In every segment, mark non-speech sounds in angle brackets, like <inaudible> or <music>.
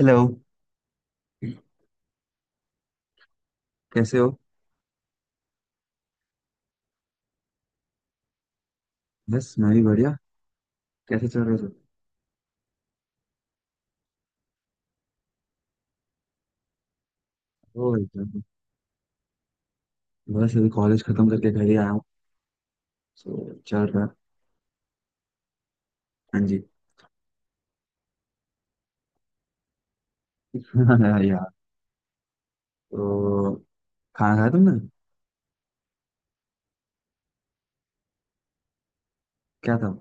Hello. कैसे हो? बस मैं भी बढ़िया। कैसे चल रहे हो सब? ओ एकदम। बस अभी कॉलेज खत्म करके घर ही आया हूँ। सो चल रहा है। हाँ जी। <laughs> हाँ यार। तो खाना खाया तुमने? क्या था?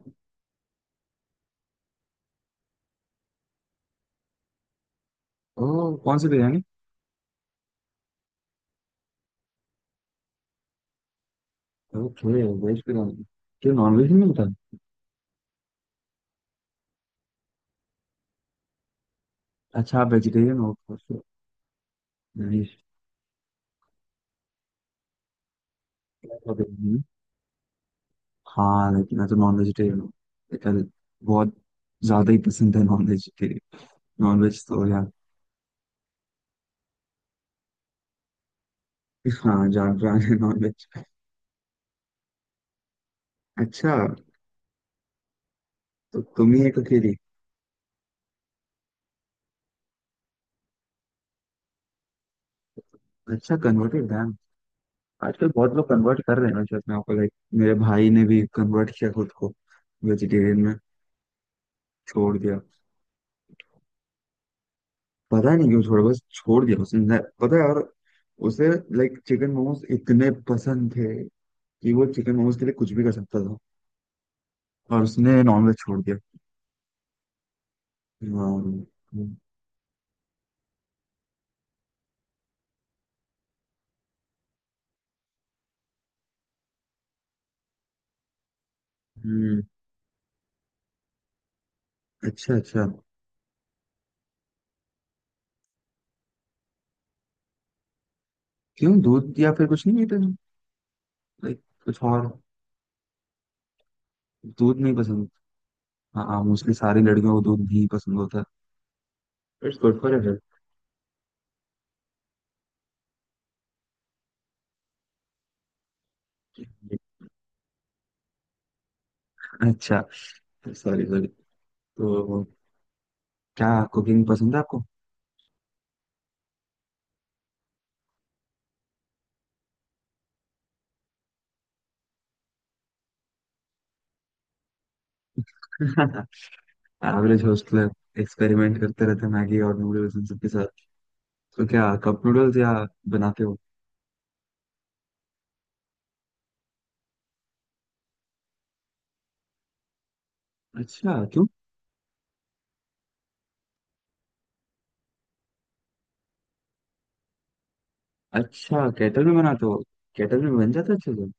ओ, कौन सी बिरयानी? Okay, veg biryani. क्यों, नॉन वेज नहीं मिलता? अच्छा, आप वेजिटेरियन हो। नाइस। हाँ, लेकिन मैं तो नॉन वेजिटेरियन हूँ। लेकिन बहुत ज्यादा ही पसंद है नॉन वेजिटेरियन। नॉन वेज तो यार, हाँ, जान पहचान है नॉन वेज। अच्छा। तो तुम ही एक अकेली। अच्छा, कन्वर्टेड, डैम। आजकल बहुत लोग कन्वर्ट कर रहे हैं शायद। मैं आपको लाइक, मेरे भाई ने भी कन्वर्ट किया खुद को वेजिटेरियन में, छोड़ दिया। पता नहीं क्यों छोड़ा, बस छोड़ दिया उसने। पता है, और उसे लाइक चिकन मोमोज इतने पसंद थे कि वो चिकन मोमोज के लिए कुछ भी कर सकता था, और उसने नॉनवेज छोड़ दिया। वाह। हम्म, अच्छा अच्छा। क्यों, दूध या फिर कुछ नहीं पीते? लाइक कुछ और? दूध नहीं पसंद? हाँ हाँ, मोस्टली सारी लड़कियों को दूध नहीं पसंद होता है। It's good for health. अच्छा, सॉरी सॉरी। तो क्या, कुकिंग पसंद है आपको? <laughs> एवरेज हॉस्टलर एक्सपेरिमेंट करते रहते हैं मैगी और नूडल्स इन सबके साथ। तो क्या कप नूडल्स या बनाते हो? अच्छा, क्यों? अच्छा, केटल में बनाते हो? केटल में बन जाता है अच्छे से?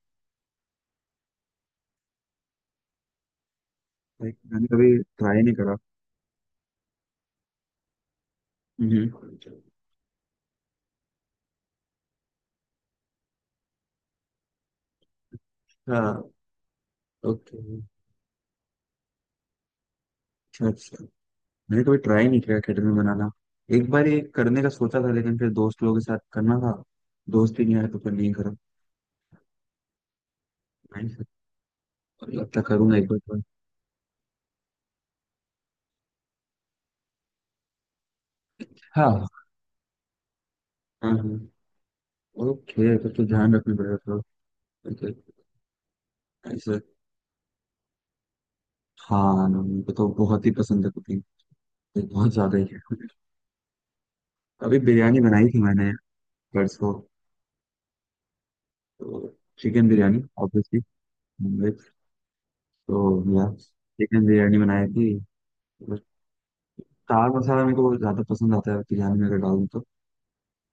लाइक मैंने कभी ट्राई नहीं करा। हम्म, अच्छा। ओके, अच्छा अच्छा। मैंने कभी ट्राई नहीं किया केटल में बनाना। एक बार ये करने का सोचा था, लेकिन फिर दोस्त लोगों के साथ करना था, दोस्त ही नहीं आया तो फिर नहीं करा। लगता करूंगा एक बार ट्राई। हाँ हाँ हाँ, ओके, तो ध्यान रखना पड़ेगा थोड़ा। ओके, ऐसे। हाँ, मुझे तो बहुत ही पसंद है कुकिंग। बहुत ज्यादा ही है। अभी बिरयानी बनाई थी मैंने परसों तो। Chicken biryani obviously. नॉनवेज तो यार, चिकन बिरयानी बनाई थी तो। दाल मसाला मेरे को बहुत ज्यादा पसंद आता है बिरयानी में, अगर डालूं तो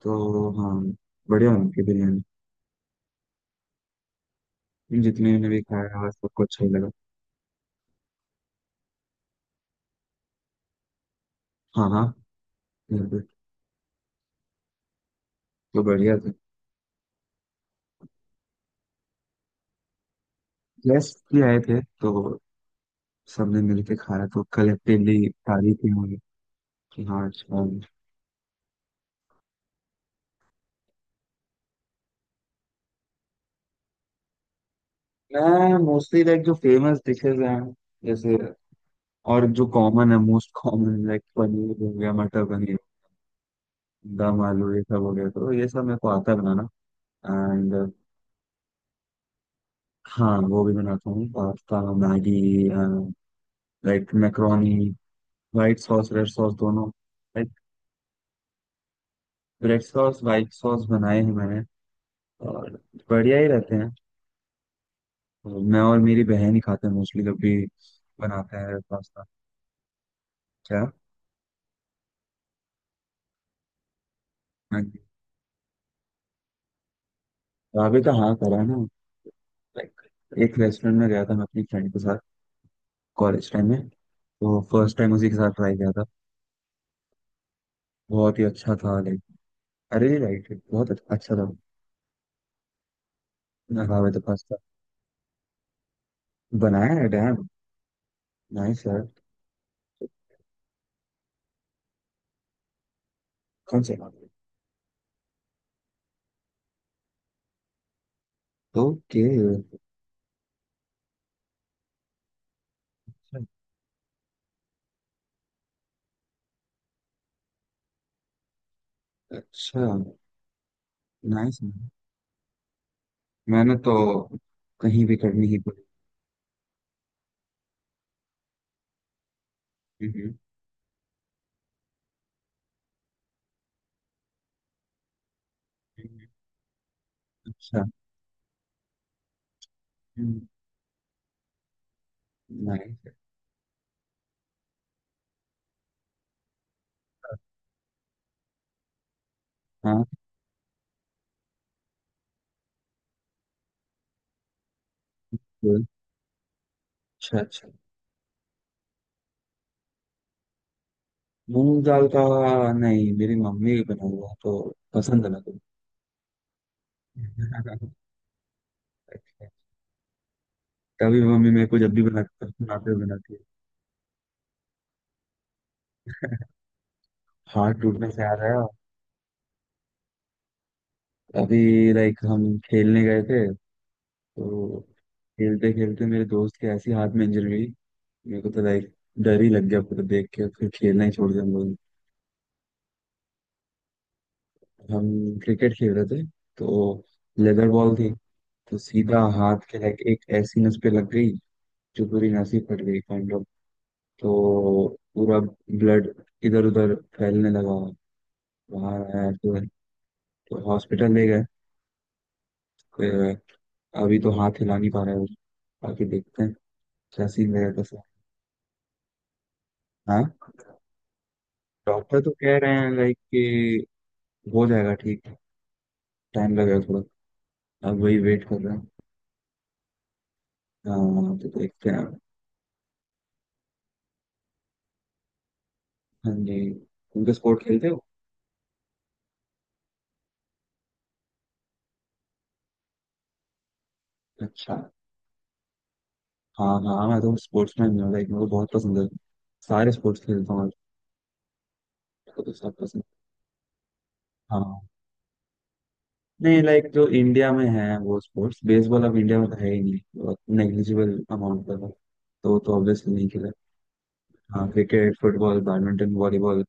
तो हाँ। बढ़िया बनी थी बिरयानी। जितने ने भी खाया सबको अच्छा ही लगा। हाँ हाँ, बिल्कुल। तो बढ़िया था। गेस्ट भी आए थे, तो सबने मिलके खाया, तो कलेक्टिवली तारीफ ही हुई कि हाँ अच्छा है। मैं मोस्टली लाइक जो फेमस डिशेज हैं, जैसे, और जो कॉमन है, मोस्ट कॉमन, लाइक पनीर हो गया, मटर पनीर, दम आलू, ये सब हो गया, तो ये सब मेरे को आता है बनाना। एंड हाँ, वो भी बनाता हूँ, pasta, Maggi, like macaroni, white sauce red sauce दोनों। Like red sauce white sauce बनाए हैं मैंने, और बढ़िया ही रहते हैं। तो मैं और मेरी बहन ही खाते हैं मोस्टली, जब भी बनाते हैं पास्ता। क्या? हाँ जी। ढाबे का, हाँ, करा है ना। लाइक एक रेस्टोरेंट में गया था मैं अपनी फ्रेंड के साथ कॉलेज टाइम में, तो फर्स्ट टाइम उसी के साथ ट्राई किया था। बहुत ही अच्छा था लाइक, अरे राइट, बहुत अच्छा अच्छा था। मैं ढाबे तो पास्ता बनाया है, डैम, नाइस यार। कौन से? ओके। अच्छा, नाइस। मैंने तो कहीं भी करनी ही पड़ी। हम्म, हम्म, हम्म। अच्छा, नाइस। हाँ, अच्छा अच्छा। मूंग दाल का? नहीं, मेरी मम्मी के बना हुआ तो पसंद है ना तो। अच्छा। <laughs> तभी मम्मी मेरे को जब भी बना, बनाते हुए बनाती है, हाथ टूटने से आ रहा है। अभी लाइक हम खेलने गए थे, तो खेलते खेलते मेरे दोस्त के ऐसी हाथ में इंजरी हुई, मेरे को तो लाइक डर ही लग गया पूरा देख के, फिर खेलना ही छोड़ दिया हम लोग। हम क्रिकेट खेल रहे थे तो, लेदर बॉल थी, तो सीधा हाथ के लाइक एक ऐसी नस पे लग गई, जो पूरी नस ही फट गई काइंड, तो पूरा ब्लड इधर उधर फैलने लगा, वहां आया फिर, तो हॉस्पिटल ले गए फिर। अभी तो हाथ हिला नहीं पा रहा है वो। बाकी देखते हैं क्या सीन रहेगा, कैसा। हाँ, डॉक्टर तो कह रहे हैं लाइक कि हो जाएगा ठीक, टाइम लगेगा थोड़ा। अब वही वेट कर रहे हैं। हाँ तो देखते हैं अब। हाँ जी। उनके स्पोर्ट खेलते हो? अच्छा। हाँ हाँ, मैं तो स्पोर्ट्स मैन हूँ लाइक, मेरे को बहुत पसंद है, सारे स्पोर्ट्स खेलता हूँ तो सब पसंद। हाँ, नहीं, लाइक जो इंडिया में है वो स्पोर्ट्स, बेसबॉल अब इंडिया में तो है ही नहीं, बहुत नेग्लिजिबल अमाउंट का था, तो ऑब्वियसली नहीं खेला। हाँ, cricket, football, badminton, volleyball,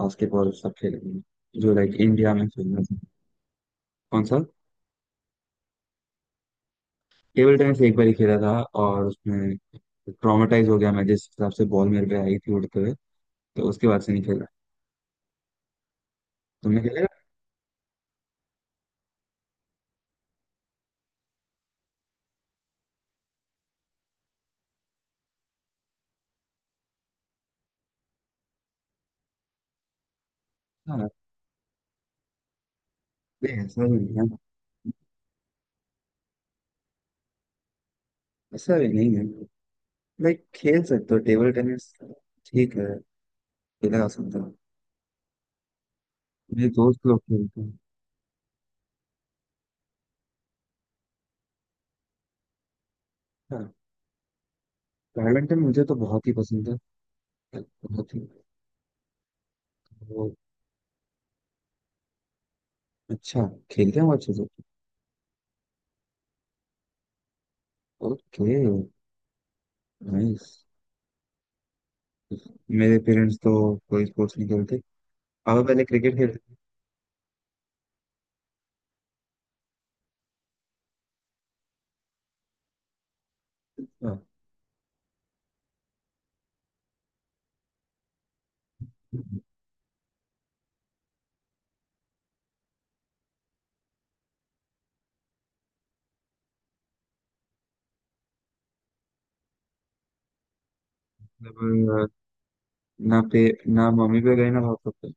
basketball, सब खेले हैं, जो लाइक इंडिया में फेमस है। कौन सा? टेबल टेनिस एक बार ही खेला था, और उसमें ट्रॉमेटाइज हो गया मैं जिस हिसाब से बॉल मेरे पे आई थी उड़ते हुए, तो उसके बाद से नहीं खेला। तुमने खेला? हाँ, नहीं, ऐसा भी नहीं है, ऐसा भी नहीं है। लाइक खेल सकते हो टेबल टेनिस, ठीक है, खेला जा सकता है। मेरे दोस्त लोग खेलते हैं। हाँ, बैडमिंटन मुझे तो बहुत ही पसंद है, बहुत ही। वो, अच्छा, खेलते हैं वो अच्छे से? Okay, nice. मेरे पेरेंट्स तो कोई स्पोर्ट्स नहीं खेलते। पापा पहले क्रिकेट खेलते थे। हाँ। मतलब ना पे, ना मम्मी पे गए ना पापा पे।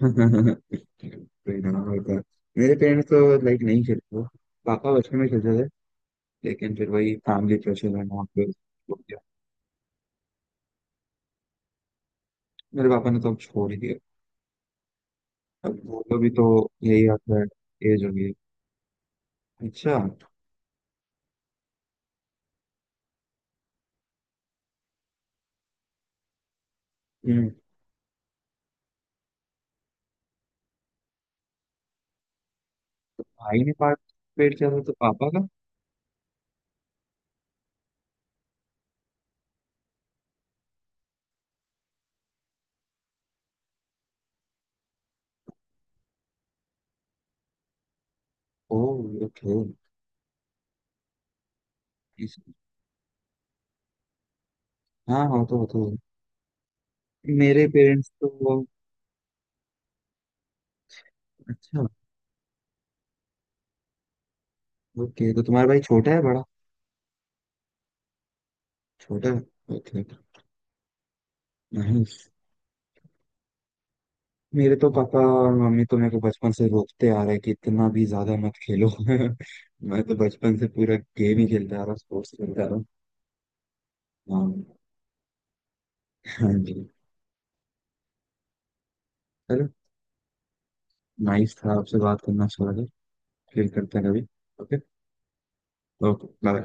कोई ना होता। मेरे पेरेंट्स तो लाइक नहीं खेलते थे। पापा बचपन में खेलते थे, लेकिन फिर वही फैमिली प्रेशर है ना, फिर हो गया। मेरे पापा ने तो अब छोड़ ही दिया। अब वो भी तो, यही आता है, एज हो गई है। अच्छा। हम्म, भाई ने पार्टिसिपेट किया था तो पापा का। ओह, ओके। इस, हाँ हाँ, तो होता है। मेरे पेरेंट्स तो। अच्छा, ओके, तो तुम्हारा भाई छोटा है बड़ा? छोटा है, ओके, नाइस। मेरे तो पापा और मम्मी तो मेरे को बचपन से रोकते आ रहे हैं कि इतना भी ज्यादा मत खेलो। <laughs> मैं तो बचपन से पूरा गेम ही खेलता आ रहा हूँ, स्पोर्ट्स खेलता आ रहा हूँ। हाँ। हाँ जी। चलो, नाइस था आपसे बात करना, अच्छा लगा, फिर करते हैं कभी। Okay, okay bye.